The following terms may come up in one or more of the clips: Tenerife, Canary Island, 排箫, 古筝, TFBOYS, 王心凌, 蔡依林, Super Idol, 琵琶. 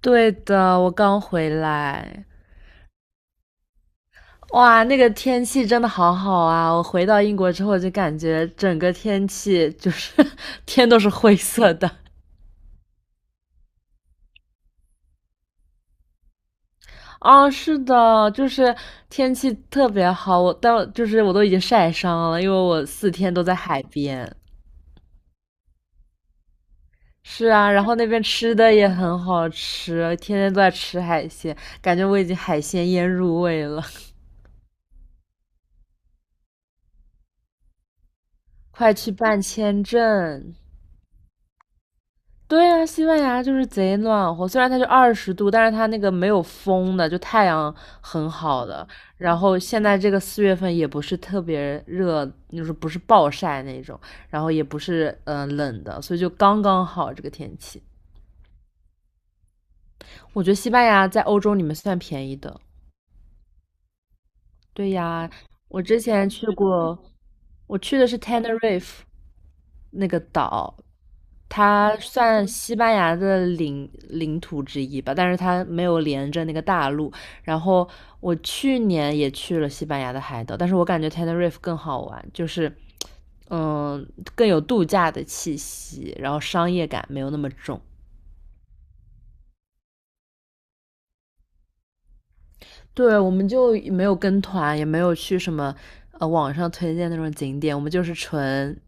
对的，我刚回来。哇，那个天气真的好好啊！我回到英国之后就感觉整个天气就是 天都是灰色的。啊，是的，就是天气特别好，就是我都已经晒伤了，因为我四天都在海边。是啊，然后那边吃的也很好吃，天天都在吃海鲜，感觉我已经海鲜腌入味了。快去办签证！对呀，西班牙就是贼暖和，虽然它就20度，但是它那个没有风的，就太阳很好的。然后现在这个4月份也不是特别热，就是不是暴晒那种，然后也不是冷的，所以就刚刚好这个天气。我觉得西班牙在欧洲里面算便宜的。对呀，我之前去过，我去的是 Tenerife，那个岛。它算西班牙的领土之一吧，但是它没有连着那个大陆。然后我去年也去了西班牙的海岛，但是我感觉 Tenerife 更好玩，就是嗯更有度假的气息，然后商业感没有那么重。对，我们就没有跟团，也没有去什么网上推荐那种景点，我们就是纯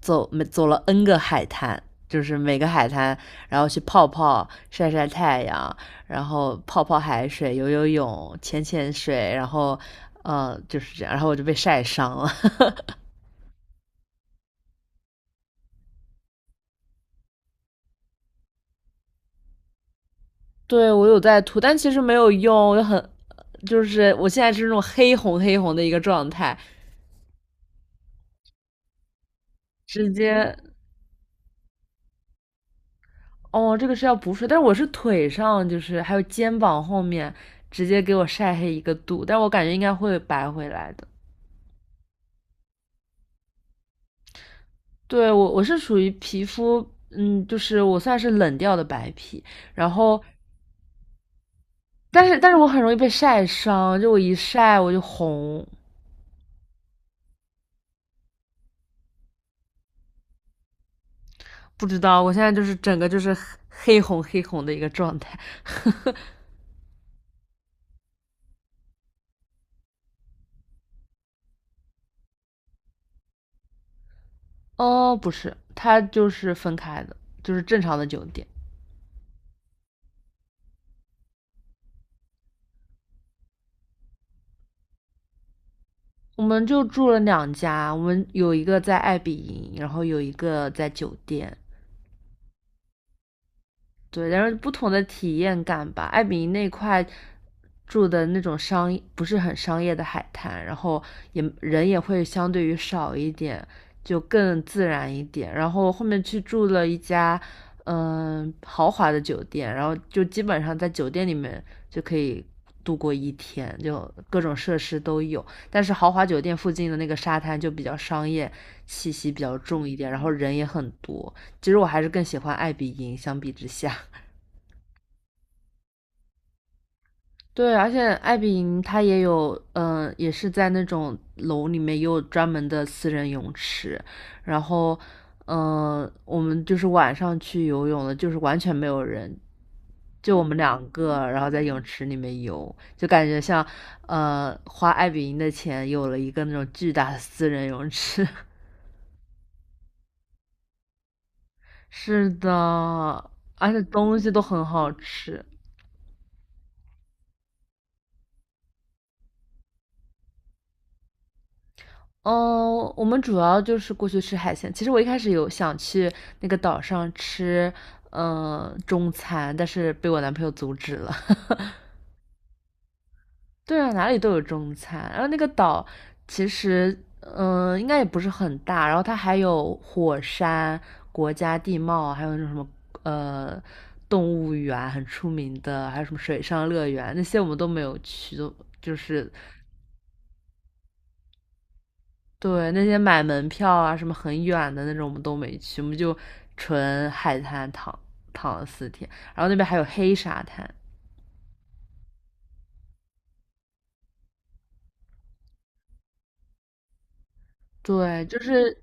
走没走了 N 个海滩，就是每个海滩，然后去泡泡、晒晒太阳，然后泡泡海水、游游泳、潜潜水，然后就是这样，然后我就被晒伤了。对我有在涂，但其实没有用。我就很就是我现在是那种黑红黑红的一个状态，直接哦，这个是要补水，但是我是腿上，就是还有肩膀后面，直接给我晒黑一个度，但我感觉应该会白回来的。对，我是属于皮肤，嗯，就是我算是冷调的白皮，然后但是我很容易被晒伤，就我一晒我就红，不知道我现在就是整个就是黑红黑红的一个状态。哦，不是，它就是分开的，就是正常的酒店。我们就住了2家，我们有一个在爱比营，然后有一个在酒店。对，但是不同的体验感吧。艾比那块住的那种不是很商业的海滩，然后也人也会相对于少一点，就更自然一点。然后后面去住了一家豪华的酒店，然后就基本上在酒店里面就可以度过一天，就各种设施都有。但是豪华酒店附近的那个沙滩就比较商业气息比较重一点，然后人也很多。其实我还是更喜欢艾比营相比之下。对，而且艾比营它也有，也是在那种楼里面也有专门的私人泳池，然后，我们就是晚上去游泳的，就是完全没有人，就我们2个，然后在泳池里面游，就感觉像，花艾比营的钱有了一个那种巨大的私人泳池。是的，而且东西都很好吃。嗯，我们主要就是过去吃海鲜。其实我一开始有想去那个岛上吃，嗯，中餐，但是被我男朋友阻止了。对啊，哪里都有中餐。然后那个岛其实，嗯，应该也不是很大。然后它还有火山、国家地貌，还有那种什么，呃，动物园很出名的，还有什么水上乐园那些我们都没有去，都就是对，那些买门票啊，什么很远的那种，我们都没去，我们就纯海滩躺了四天，然后那边还有黑沙滩。对，就是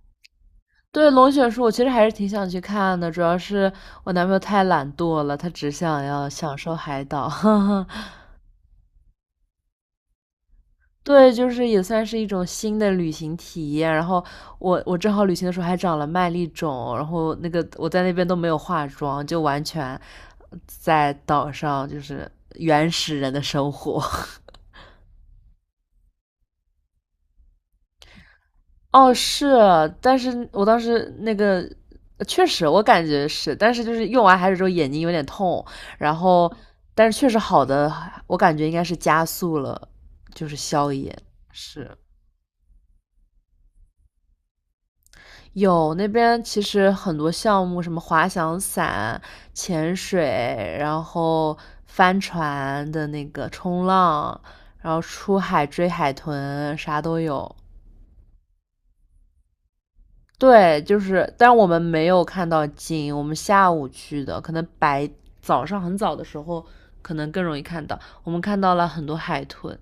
对龙卷树，我其实还是挺想去看的，主要是我男朋友太懒惰了，他只想要享受海岛。对，就是也算是一种新的旅行体验。然后我正好旅行的时候还长了麦粒肿，然后那个我在那边都没有化妆，就完全在岛上就是原始人的生活。哦，是，但是我当时那个确实我感觉是，但是就是用完海水之后眼睛有点痛，然后但是确实好的，我感觉应该是加速了，就是消炎。是，有那边其实很多项目，什么滑翔伞、潜水，然后帆船的那个冲浪，然后出海追海豚，啥都有。对，就是，但我们没有看到鲸，我们下午去的，可能早上很早的时候，可能更容易看到。我们看到了很多海豚，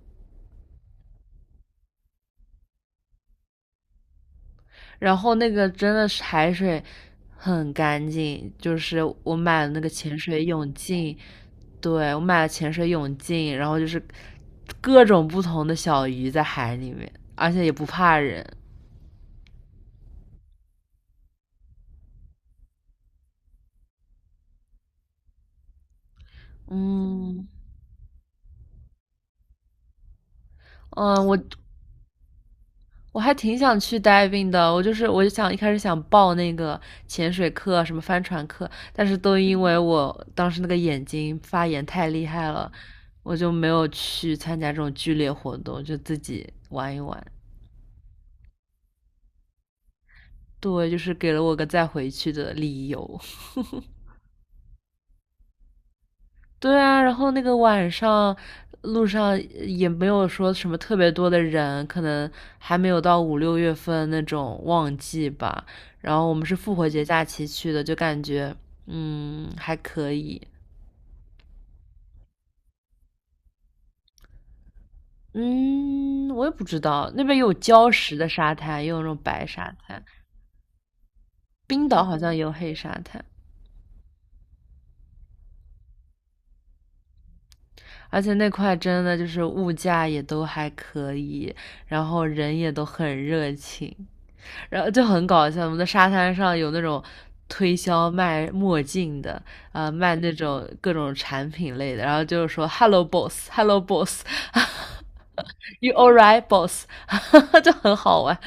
然后那个真的是海水很干净，就是我买了那个潜水泳镜。对，我买了潜水泳镜，然后就是各种不同的小鱼在海里面，而且也不怕人。嗯嗯，我还挺想去 diving 的，我就想一开始想报那个潜水课啊、什么帆船课，但是都因为我当时那个眼睛发炎太厉害了，我就没有去参加这种剧烈活动，就自己玩一玩。对，就是给了我个再回去的理由。对啊，然后那个晚上路上也没有说什么特别多的人，可能还没有到5、6月份那种旺季吧。然后我们是复活节假期去的，就感觉还可以。嗯，我也不知道，那边有礁石的沙滩，也有那种白沙滩。冰岛好像也有黑沙滩，而且那块真的就是物价也都还可以，然后人也都很热情。然后就很搞笑。我们的沙滩上有那种推销卖墨镜的，啊、卖那种各种产品类的，然后就是说 “Hello boss, Hello boss, you alright boss”，就很好玩。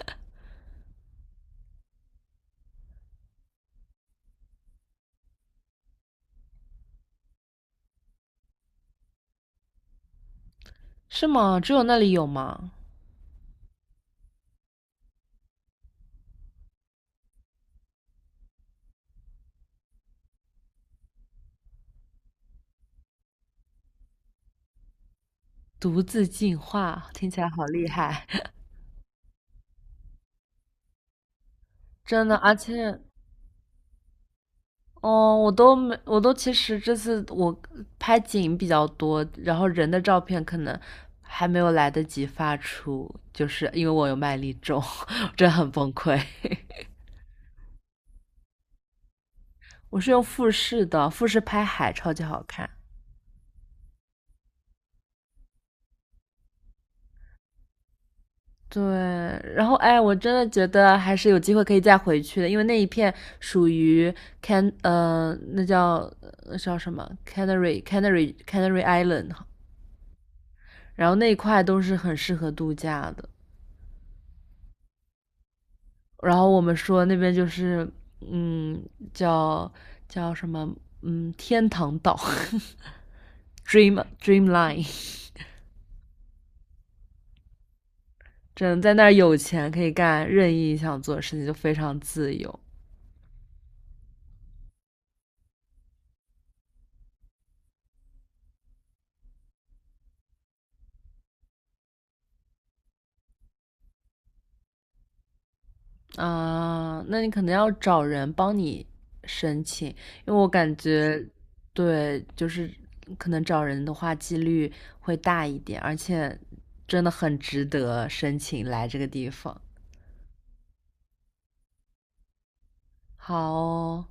是吗？只有那里有吗？独自进化，听起来好厉害。真的。而且哦，我都没，我都其实这次我拍景比较多，然后人的照片可能还没有来得及发出，就是因为我有麦粒肿，真的很崩溃。我是用富士的，富士拍海超级好看。对，然后哎，我真的觉得还是有机会可以再回去的，因为那一片属于 那叫什么 Canary Island，然后那一块都是很适合度假的。然后我们说那边就是，嗯，叫什么，嗯，天堂岛 Dreamline。真的在那儿有钱可以干任意想做的事情，就非常自由啊。呃那你可能要找人帮你申请，因为我感觉，对，就是可能找人的话几率会大一点，而且真的很值得申请来这个地方。好哦